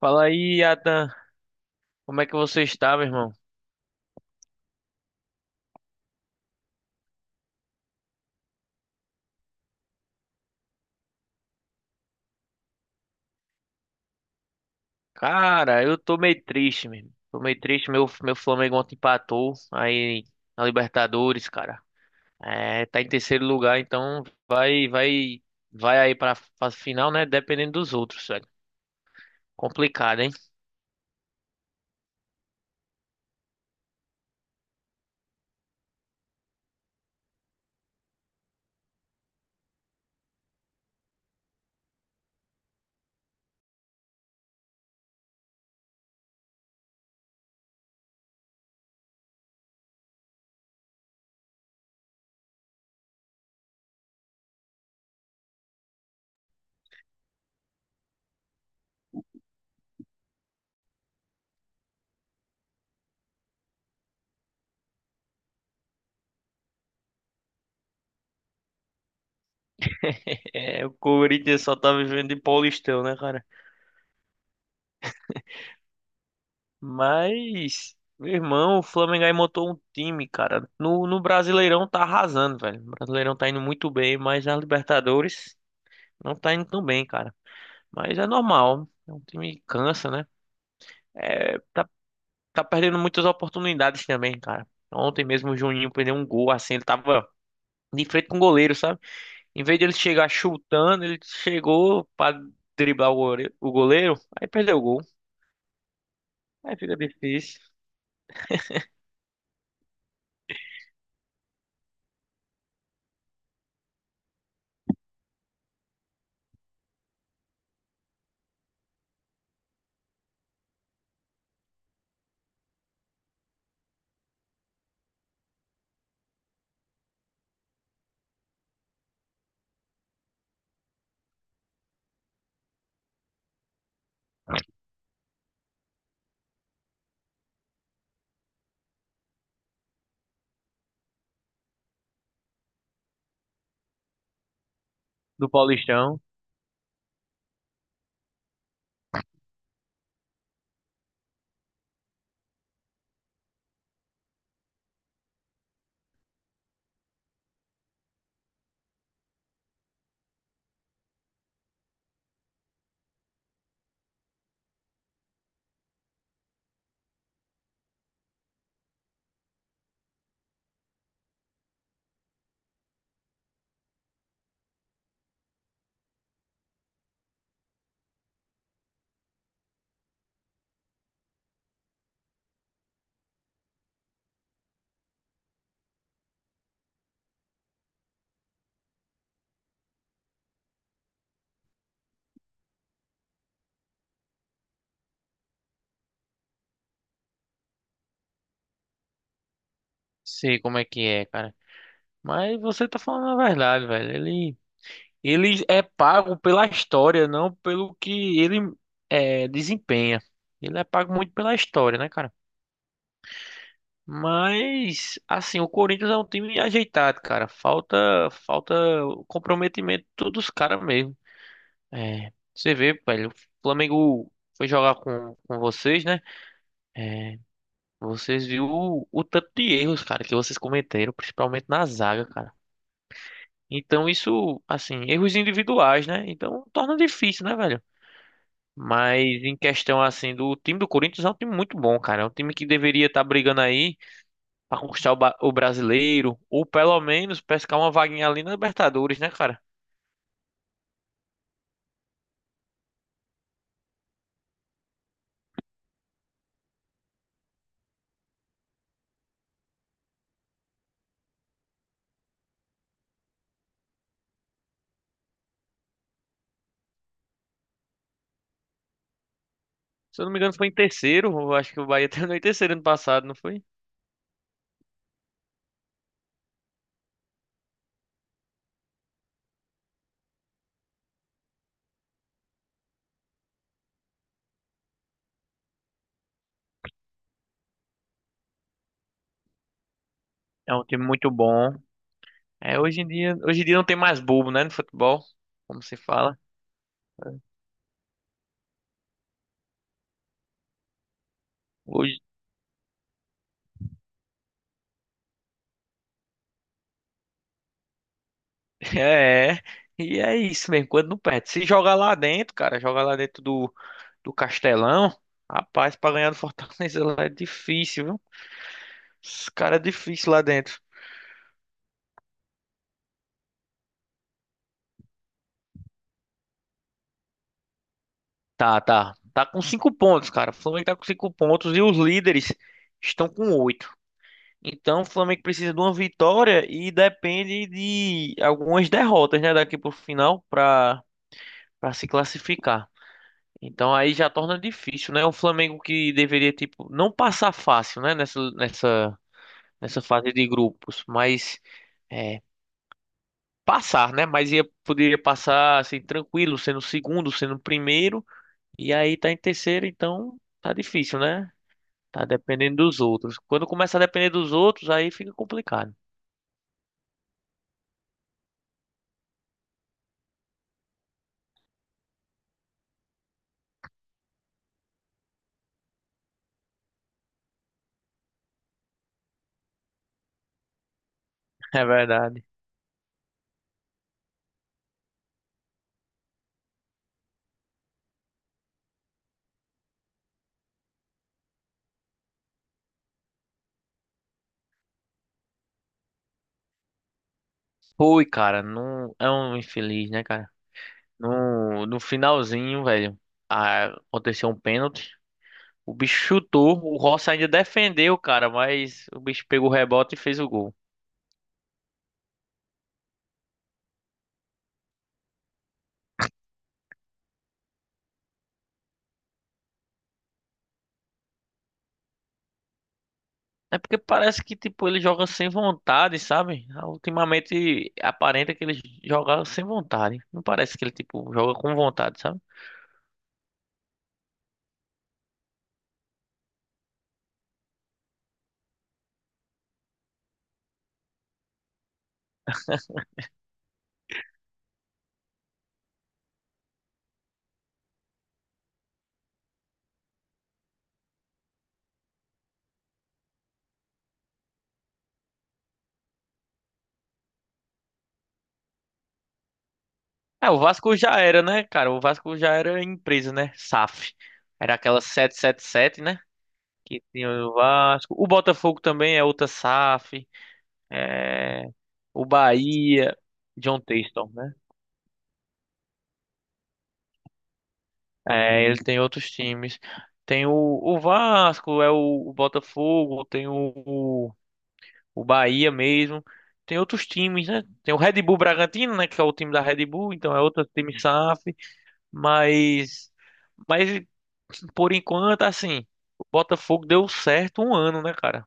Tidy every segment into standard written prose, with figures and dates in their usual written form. Fala aí, Atan. Como é que você está, meu irmão? Cara, eu tô meio triste, meu irmão. Tô meio triste. Meu Flamengo ontem empatou aí na Libertadores, cara. É, tá em terceiro lugar, então vai, vai, vai aí pra final, né? Dependendo dos outros, velho. Complicado, hein? É, o Corinthians só tá vivendo de Paulistão, né, cara? Mas, meu irmão, o Flamengo aí montou um time, cara. No Brasileirão tá arrasando, velho. O Brasileirão tá indo muito bem, mas na Libertadores não tá indo tão bem, cara. Mas é normal. É um time que cansa, né? É, tá perdendo muitas oportunidades também, cara. Ontem mesmo o Juninho perdeu um gol, assim, ele tava de frente com o goleiro, sabe? Em vez de ele chegar chutando, ele chegou pra driblar o goleiro, aí perdeu o gol. Aí fica difícil. Do Paulistão. Sei como é que é, cara. Mas você tá falando a verdade, velho. Ele é pago pela história, não pelo que ele desempenha. Ele é pago muito pela história, né, cara? Mas, assim, o Corinthians é um time ajeitado, cara. Falta o comprometimento de todos os caras mesmo. É, você vê, velho, o Flamengo foi jogar com vocês, né? É, vocês viram o tanto de erros, cara, que vocês cometeram, principalmente na zaga, cara. Então, isso, assim, erros individuais, né? Então, torna difícil, né, velho? Mas em questão assim do time do Corinthians é um time muito bom, cara. É um time que deveria estar brigando aí pra conquistar o brasileiro ou pelo menos pescar uma vaguinha ali na Libertadores, né, cara? Se eu não me engano foi em terceiro, eu acho que o Bahia terminou em terceiro ano passado, não foi? É um time muito bom. É, hoje em dia não tem mais bobo, né, no futebol, como se fala. Hoje É, e é isso mesmo, quando não perde. Se jogar lá dentro, cara, jogar lá dentro do Castelão, rapaz, pra ganhar do Fortaleza lá é difícil, viu? Esse cara é difícil lá dentro. Tá, tá. Tá com 5 pontos, cara. O Flamengo tá com 5 pontos e os líderes estão com 8. Então o Flamengo precisa de uma vitória e depende de algumas derrotas, né, daqui pro final pra se classificar. Então aí já torna difícil, né? O Flamengo que deveria, tipo, não passar fácil, né, nessa fase de grupos, mas é, passar, né? Mas poderia passar assim, tranquilo, sendo segundo, sendo primeiro. E aí tá em terceiro, então tá difícil, né? Tá dependendo dos outros. Quando começa a depender dos outros, aí fica complicado. É verdade. Ui, cara, não é um infeliz, né, cara? No finalzinho, velho, a- aconteceu um pênalti. O bicho chutou, o Rossi ainda defendeu, cara, mas o bicho pegou o rebote e fez o gol. É porque parece que, tipo, ele joga sem vontade, sabe? Ultimamente aparenta que ele joga sem vontade. Não parece que ele, tipo, joga com vontade, sabe? É, o Vasco já era, né, cara? O Vasco já era empresa, né? SAF. Era aquela 777, né? Que tinha o Vasco. O Botafogo também é outra SAF. É. O Bahia. John Texton, né? É, ele tem outros times. Tem o Vasco, é o Botafogo, tem o o Bahia mesmo. Tem outros times, né? Tem o Red Bull Bragantino, né? Que é o time da Red Bull, então é outro time SAF. Mas. Mas. Por enquanto, assim, o Botafogo deu certo um ano, né, cara?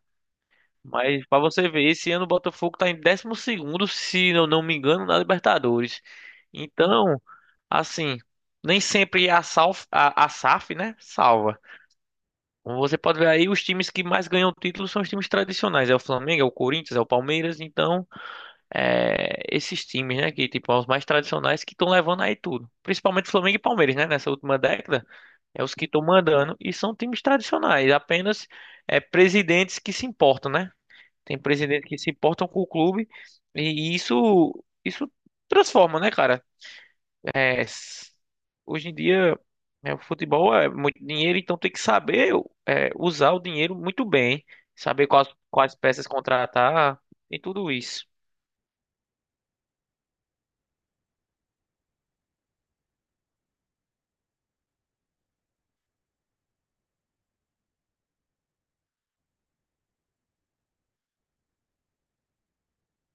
Mas pra você ver, esse ano o Botafogo tá em 12º se eu não me engano, na Libertadores. Então, assim, nem sempre a SAF, né, salva. Como você pode ver aí, os times que mais ganham títulos são os times tradicionais. É o Flamengo, é o Corinthians, é o Palmeiras. Então, esses times, né, que tipo, os mais tradicionais que estão levando aí tudo. Principalmente Flamengo e Palmeiras, né, nessa última década, é os que estão mandando e são times tradicionais, apenas é, presidentes que se importam, né? Tem presidentes que se importam com o clube e isso transforma, né, cara? É, hoje em dia, né, o futebol é muito dinheiro, então tem que saber usar o dinheiro muito bem, saber quais peças contratar, e tudo isso.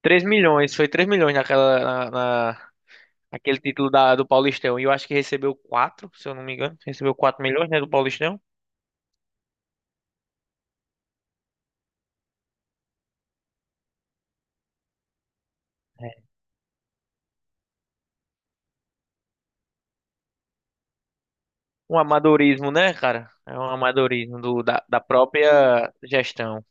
3 milhões, foi 3 milhões na, na- naquele título da, do Paulistão. E eu acho que recebeu quatro se eu não me engano. Recebeu 4 milhões, né, do Paulistão. É. Um amadorismo, né, cara? É um amadorismo da própria gestão.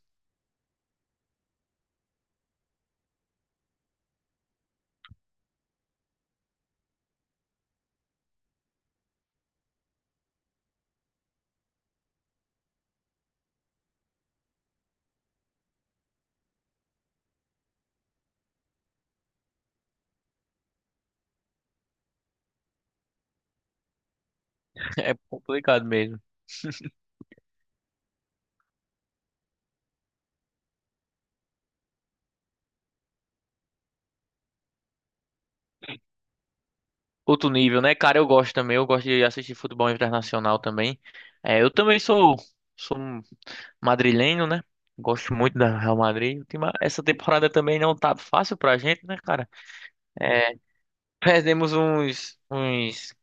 É complicado mesmo. Outro nível, né, cara? Eu gosto também. Eu gosto de assistir futebol internacional também. É, eu também sou um madrilenho, né? Gosto muito da Real Madrid. O Essa temporada também não tá fácil pra gente, né, cara? É, perdemos uns, uns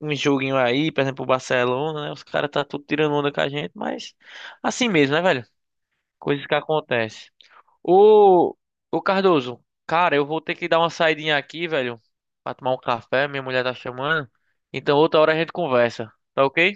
um joguinho aí, por exemplo, o Barcelona, né? Os caras tá tudo tirando onda com a gente, mas assim mesmo, né, velho? Coisas que acontecem. Ô, ô Cardoso, cara, eu vou ter que dar uma saidinha aqui, velho, pra tomar um café, minha mulher tá chamando. Então outra hora a gente conversa, tá ok?